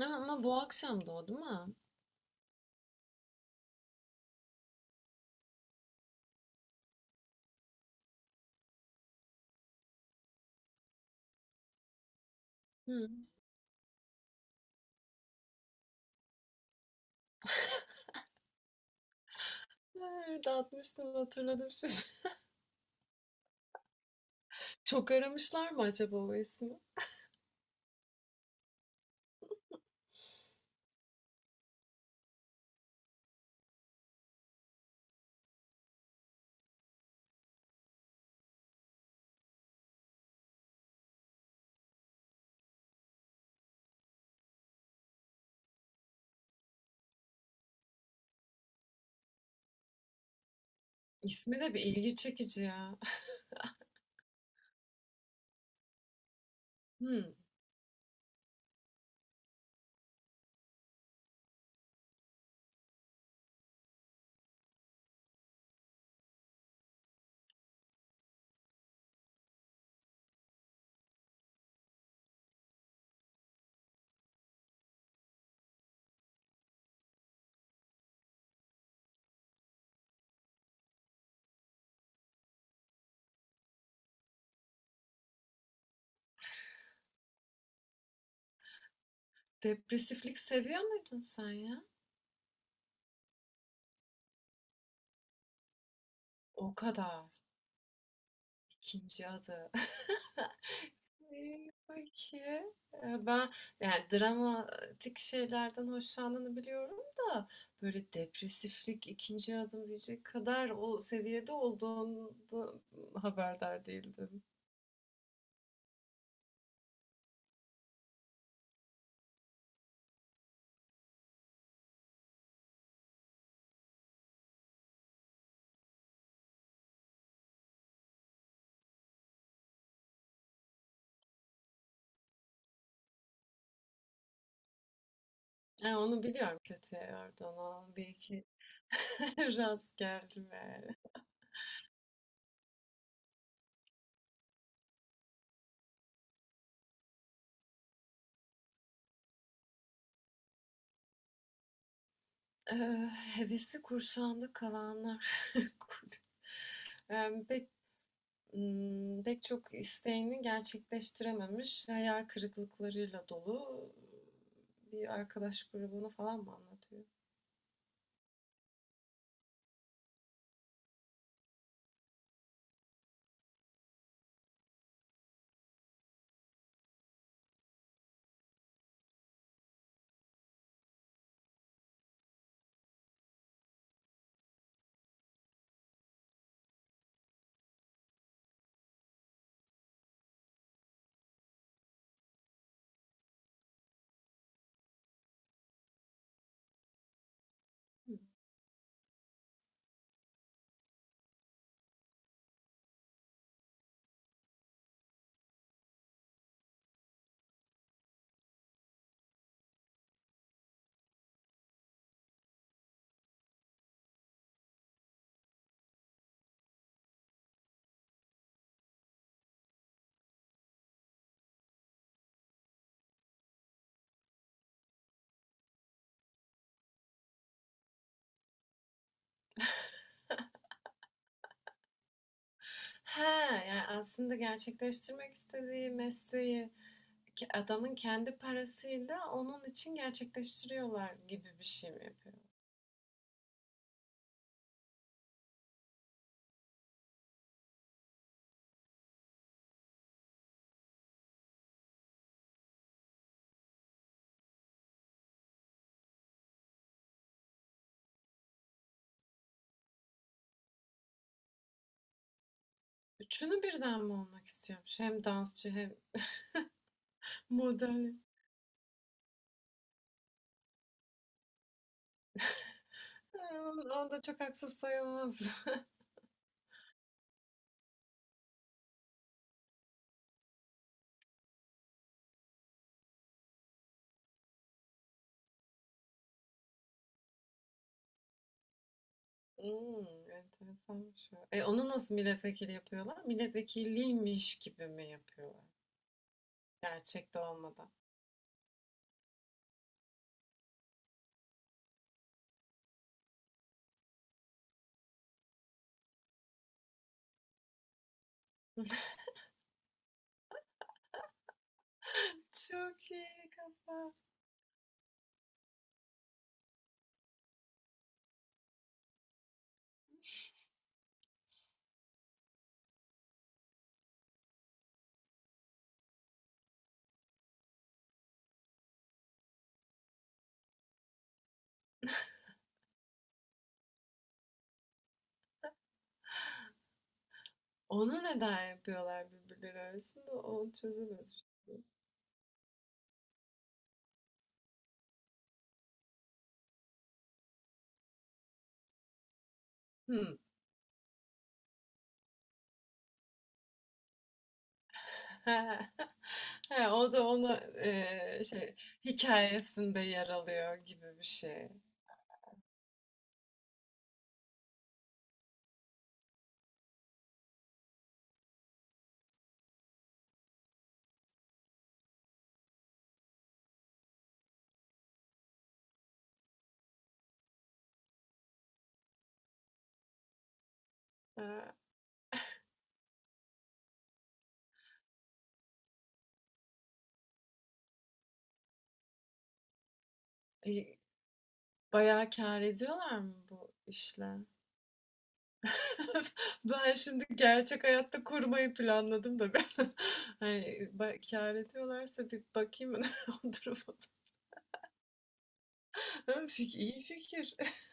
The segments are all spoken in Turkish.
Ha, ama bu akşam da o değil mi? Hı. Ha, dağıtmışsın hatırladım şimdi. Çok aramışlar mı acaba o ismi? İsmi de bir ilgi çekici ya. Hı. Depresiflik seviyor muydun sen ya? O kadar. İkinci adı. İyi, peki. Ben yani dramatik şeylerden hoşlandığını biliyorum da böyle depresiflik ikinci adım diyecek kadar o seviyede olduğunu haberdar değildim. E, onu biliyorum kötü yerden o. Bir iki rast geldim yani. Hevesi kursağında kalanlar. Yani pek, pek çok isteğini gerçekleştirememiş, hayal kırıklıklarıyla dolu bir arkadaş grubunu falan mı anlatıyor? Hmm. He, yani aslında gerçekleştirmek istediği mesleği ki adamın kendi parasıyla onun için gerçekleştiriyorlar gibi bir şey mi yapıyor? Üçünü birden mi olmak istiyormuş? Hem dansçı hem model. Ha, o da çok haksız sayılmaz. Hmm, enteresanmış o. E, onu nasıl milletvekili yapıyorlar? Milletvekiliymiş gibi mi yapıyorlar? Gerçekte olmadan. Çok iyi kafa. Onu neden yapıyorlar birbirleri arasında? O çözülür. Hmm. He, o da onu e, şey hikayesinde yer alıyor gibi bir şey. Ha, bayağı kâr ediyorlar mı bu işle? Ben şimdi gerçek hayatta kurmayı planladım da ben hani kâr ediyorlarsa bir bakayım o duruma. Ha, İyi fikir.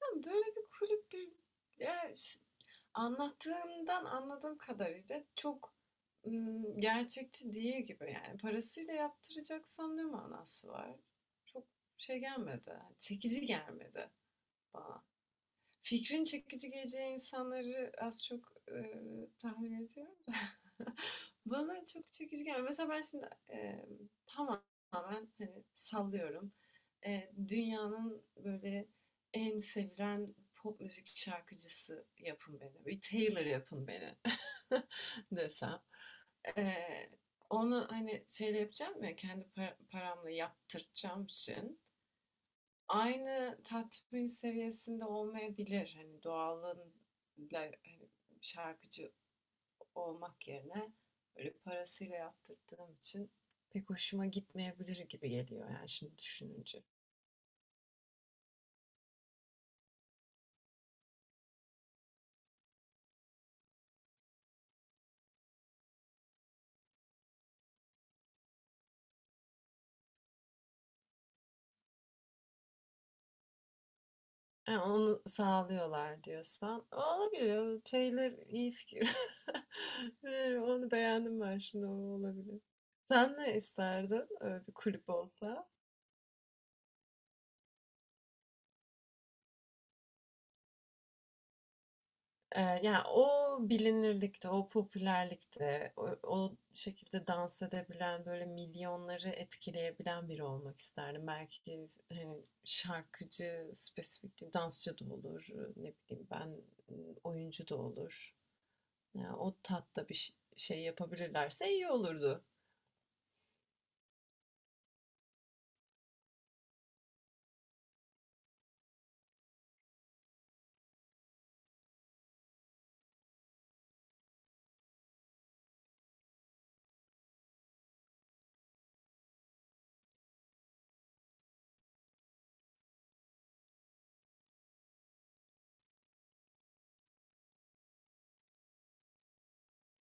Ya böyle bir kulüp bir, ya ş- anlattığından anladığım kadarıyla çok gerçekçi değil gibi. Yani parasıyla yaptıracaksam ne manası var? Çok şey gelmedi. Çekici gelmedi bana. Fikrin çekici geleceği insanları az çok, tahmin ediyorum bana çok çekici gelmiyor. Mesela ben şimdi, tamamen, hani, sallıyorum. Dünyanın böyle en sevilen pop müzik şarkıcısı yapın beni. Bir Taylor yapın beni desem. Eee, Onu, hani, şeyle yapacağım ya, kendi paramla yaptırtacağım için, aynı tatmin seviyesinde olmayabilir. Hani doğalın hani şarkıcı olmak yerine böyle parasıyla yaptırdığım için pek hoşuma gitmeyebilir gibi geliyor yani şimdi düşününce. E, onu sağlıyorlar diyorsan. Olabilir. O Taylor iyi fikir. E, onu beğendim ben şimdi. O olabilir. Sen ne isterdin? Öyle bir kulüp olsa. E, yani o bilinirlikte, o popülerlikte, o şekilde dans edebilen, böyle milyonları etkileyebilen biri olmak isterdim. Belki hani, şarkıcı, spesifik değil, dansçı da olur. Ne bileyim ben oyuncu da olur. Ya, o tatta bir şey yapabilirlerse iyi olurdu.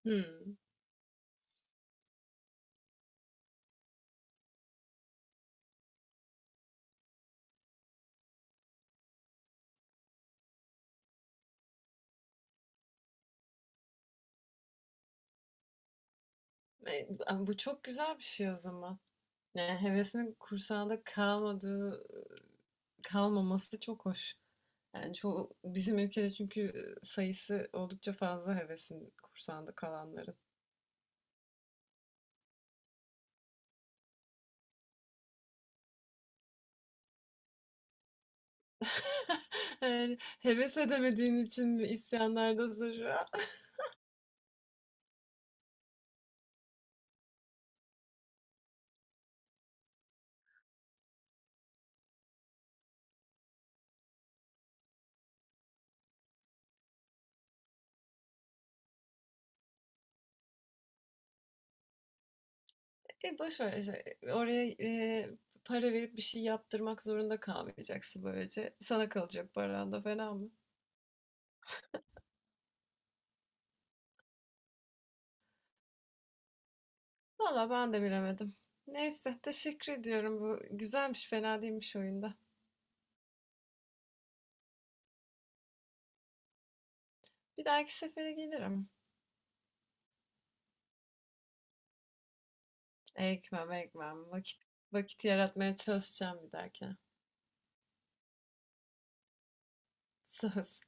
Hmm. E, bu çok güzel bir şey o zaman. Yani hevesinin kursağında kalmadığı, kalmaması çok hoş. Yani çoğu, bizim ülkede çünkü sayısı oldukça fazla hevesin kursağında kalanların. Yani heves edemediğin için mi isyanlardasın şu an? E boş ver işte. Oraya para verip bir şey yaptırmak zorunda kalmayacaksın böylece. Sana kalacak paran da fena mı? Valla ben de bilemedim. Neyse, teşekkür ediyorum. Bu güzelmiş, fena değilmiş oyunda. Bir dahaki sefere gelirim. Ekmem ekmem. Vakit yaratmaya çalışacağım bir dahakine. Söz.